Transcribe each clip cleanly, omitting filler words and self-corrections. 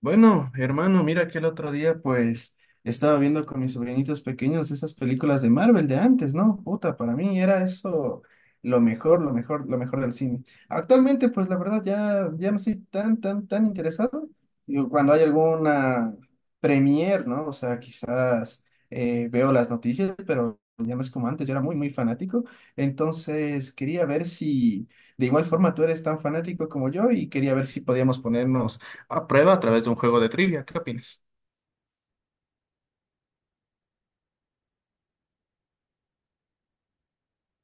Bueno, hermano, mira que el otro día pues estaba viendo con mis sobrinitos pequeños esas películas de Marvel de antes, ¿no? Puta, para mí era eso lo mejor, lo mejor, lo mejor del cine. Actualmente pues la verdad ya no estoy tan interesado. Digo, cuando hay alguna premier, ¿no? O sea, quizás veo las noticias, pero ya no es como antes, yo era muy fanático. Entonces quería ver si de igual forma tú eres tan fanático como yo y quería ver si podíamos ponernos a prueba a través de un juego de trivia. ¿Qué opinas?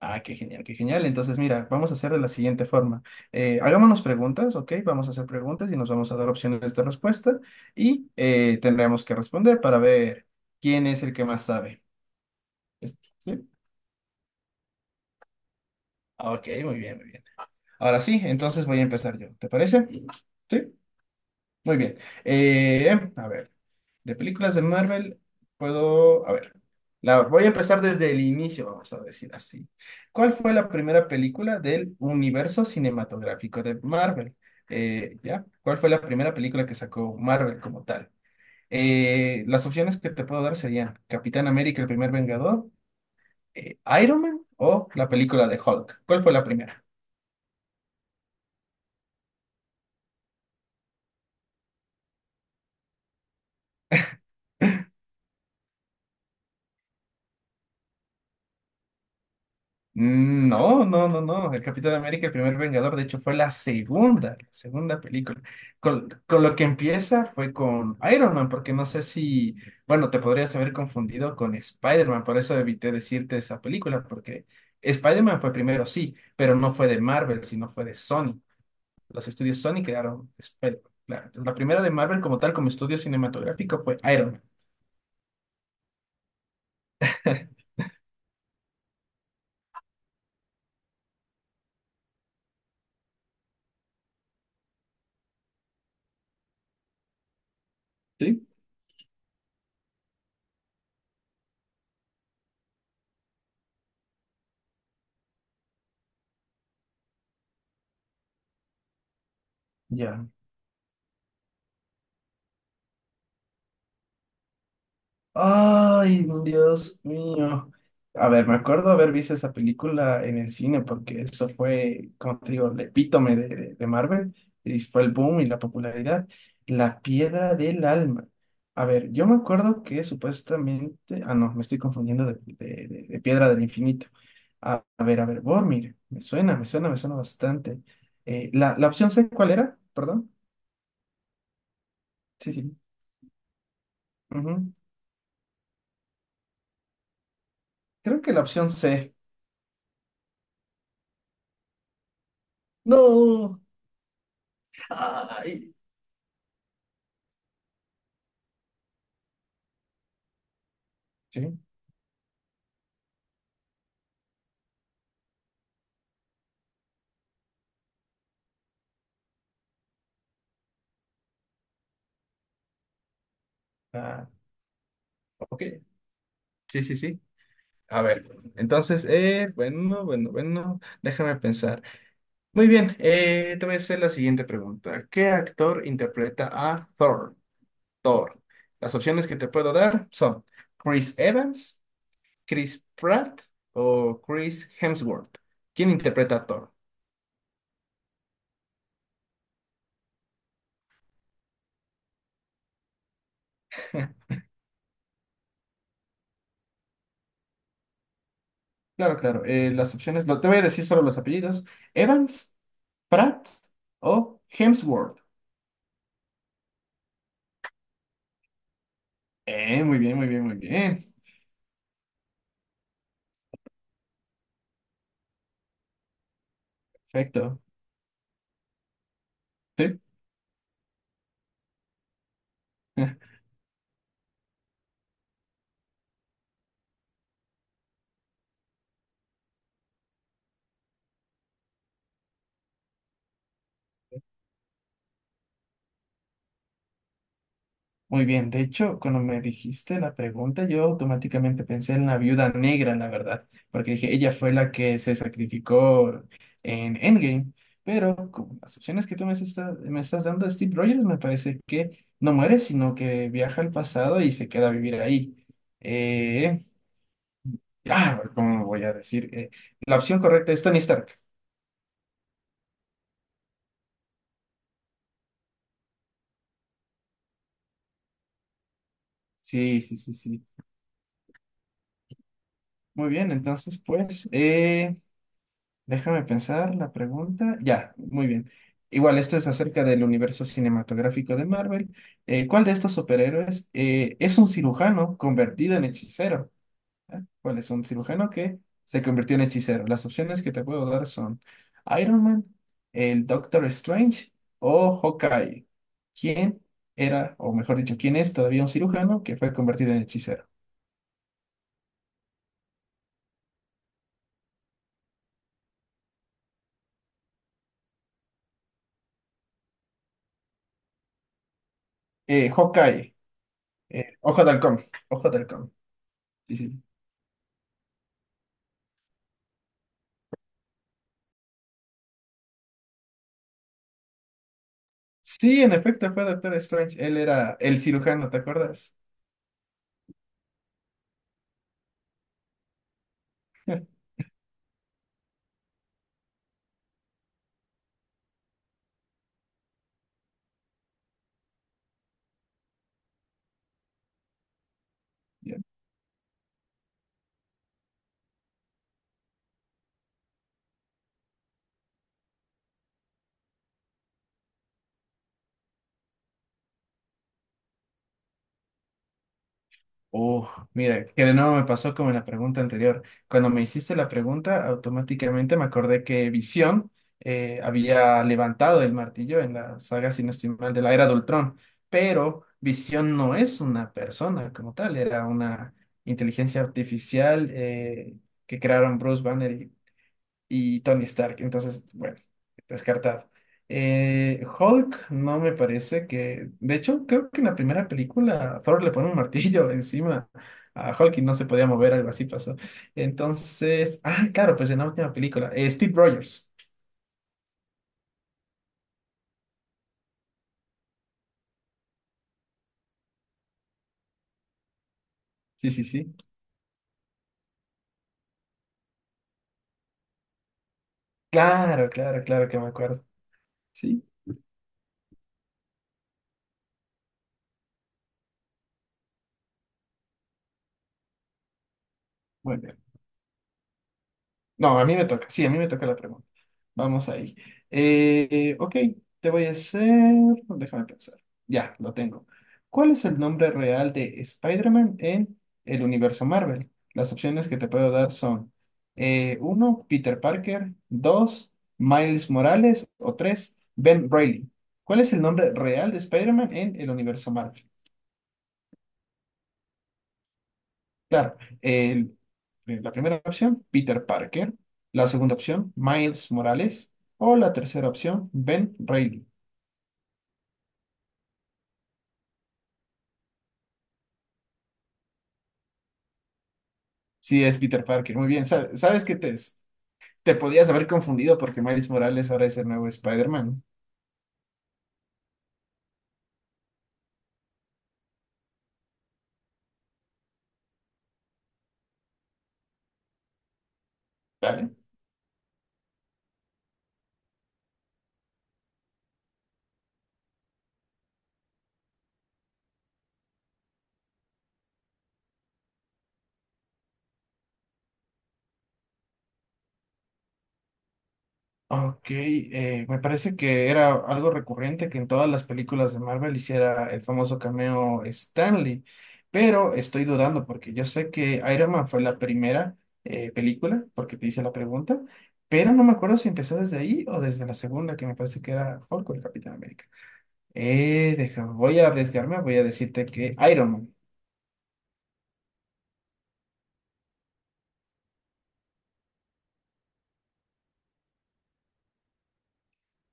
Ah, qué genial, qué genial. Entonces, mira, vamos a hacer de la siguiente forma. Hagámonos preguntas, ¿ok? Vamos a hacer preguntas y nos vamos a dar opciones de respuesta y tendremos que responder para ver quién es el que más sabe. ¿Sí? Ah, ok, muy bien, muy bien. Ahora sí, entonces voy a empezar yo. ¿Te parece? Sí. Muy bien. Eh, a ver, de películas de Marvel puedo, a ver, voy a empezar desde el inicio, vamos a decir así. ¿Cuál fue la primera película del universo cinematográfico de Marvel? ¿Ya? ¿Cuál fue la primera película que sacó Marvel como tal? Las opciones que te puedo dar serían Capitán América, el primer Vengador, Iron Man o la película de Hulk. ¿Cuál fue la primera? Mm, no, no, no, no. El Capitán América, el primer Vengador, de hecho, fue la segunda película. Con lo que empieza fue con Iron Man, porque no sé si, bueno, te podrías haber confundido con Spider-Man, por eso evité decirte esa película, porque Spider-Man fue primero, sí, pero no fue de Marvel, sino fue de Sony. Los estudios Sony crearon Spider-Man. Claro. Entonces, la primera de Marvel como tal, como estudio cinematográfico, fue Iron Man. Sí. Ya. Ay, Dios mío. A ver, me acuerdo haber visto esa película en el cine porque eso fue, como te digo, el epítome de Marvel y fue el boom y la popularidad. La piedra del alma. A ver, yo me acuerdo que supuestamente, ah, no, me estoy confundiendo de piedra del infinito. A ver, Boromir, me suena, me suena, me suena bastante. La opción C, ¿cuál era? Perdón. Sí, sí. Ujú. Creo que la opción C. No. Sí. Ah, ok. Sí, sí, sí. A ver, entonces, bueno, bueno, bueno, déjame pensar. Muy bien, te voy a hacer la siguiente pregunta. ¿Qué actor interpreta a Thor? Thor. Las opciones que te puedo dar son Chris Evans, Chris Pratt o Chris Hemsworth. ¿Quién interpreta a Thor? Claro, claro, te voy a decir solo los apellidos. Evans, Pratt o Hemsworth. Muy bien, muy bien, muy bien. Perfecto. Sí. Muy bien, de hecho, cuando me dijiste la pregunta, yo automáticamente pensé en la viuda negra, la verdad, porque dije, ella fue la que se sacrificó en Endgame, pero con las opciones que tú me estás dando, Steve Rogers me parece que no muere, sino que viaja al pasado y se queda a vivir ahí. Eh, ¿Cómo voy a decir? La opción correcta es Tony Stark. Sí, sí, sí, sí. Muy bien, entonces, pues... déjame pensar la pregunta. Ya, muy bien. Igual, esto es acerca del universo cinematográfico de Marvel. ¿Cuál de estos superhéroes es un cirujano convertido en hechicero? ¿Eh? ¿Cuál es un cirujano que se convirtió en hechicero? Las opciones que te puedo dar son Iron Man, el Doctor Strange o Hawkeye. ¿Quién era, o mejor dicho, quién es todavía un cirujano que fue convertido en hechicero? Hawkeye. Ojo de halcón. Ojo de halcón. Sí, sí. Sí, en efecto, fue Doctor Strange. Él era el cirujano, ¿te acuerdas? Ya. Uf, mira, que de nuevo me pasó como en la pregunta anterior. Cuando me hiciste la pregunta, automáticamente me acordé que Visión había levantado el martillo en la saga, si no estoy mal, de la Era de Ultrón. Pero Visión no es una persona como tal, era una inteligencia artificial que crearon Bruce Banner y Tony Stark. Entonces, bueno, descartado. Hulk no me parece que... De hecho, creo que en la primera película Thor le pone un martillo encima a Hulk y no se podía mover, algo así pasó. Entonces, ah, claro, pues en la última película. Steve Rogers. Sí, sí, sí. Claro, claro, claro que me acuerdo. Sí, muy bien. No, a mí me toca. Sí, a mí me toca la pregunta. Vamos ahí. Eh, ok, te voy a hacer... Déjame pensar. Ya, lo tengo. ¿Cuál es el nombre real de Spider-Man en el universo Marvel? Las opciones que te puedo dar son uno Peter Parker, 2 Miles Morales o 3 Ben Reilly. ¿Cuál es el nombre real de Spider-Man en el universo Marvel? Claro, la primera opción, Peter Parker. La segunda opción, Miles Morales. O la tercera opción, Ben Reilly. Sí, es Peter Parker, muy bien. Sabes que te podías haber confundido porque Miles Morales ahora es el nuevo Spider-Man, ¿vale? Ok, me parece que era algo recurrente que en todas las películas de Marvel hiciera el famoso cameo Stanley, pero estoy dudando porque yo sé que Iron Man fue la primera película, porque te hice la pregunta, pero no me acuerdo si empezó desde ahí o desde la segunda, que me parece que era Hulk o el Capitán América. Deja, voy a arriesgarme, voy a decirte que Iron Man.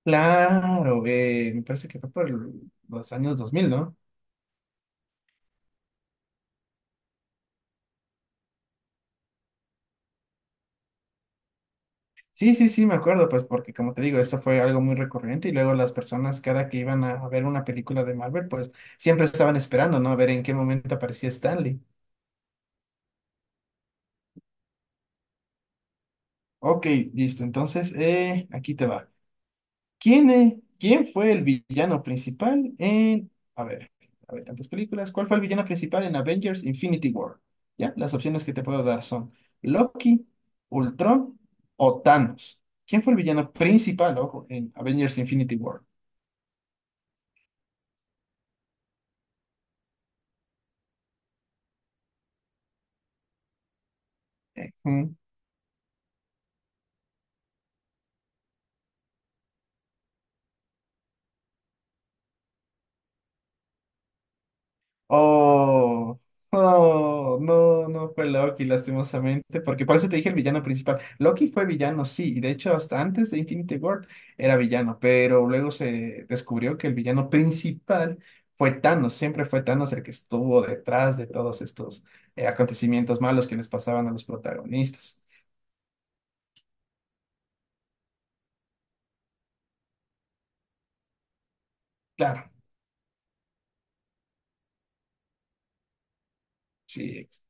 Claro, me parece que fue por los años 2000, ¿no? Sí, sí, sí, me acuerdo, pues porque como te digo, esto fue algo muy recurrente y luego las personas cada que iban a ver una película de Marvel, pues siempre estaban esperando, ¿no? A ver en qué momento aparecía Stanley. Ok, listo, entonces aquí te va. ¿Quién fue el villano principal en... a ver, tantas películas. ¿Cuál fue el villano principal en Avengers Infinity War? ¿Ya? Las opciones que te puedo dar son Loki, Ultron o Thanos. ¿Quién fue el villano principal, ojo, en Avengers Infinity War? Ujú. Oh, oh, no, no fue Loki, lastimosamente, porque por eso te dije el villano principal. Loki fue villano, sí, y de hecho hasta antes de Infinity War era villano, pero luego se descubrió que el villano principal fue Thanos, siempre fue Thanos el que estuvo detrás de todos estos acontecimientos malos que les pasaban a los protagonistas. Claro, sí,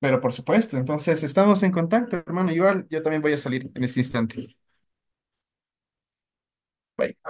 pero por supuesto, entonces estamos en contacto, hermano, igual yo también voy a salir en este instante. Bye.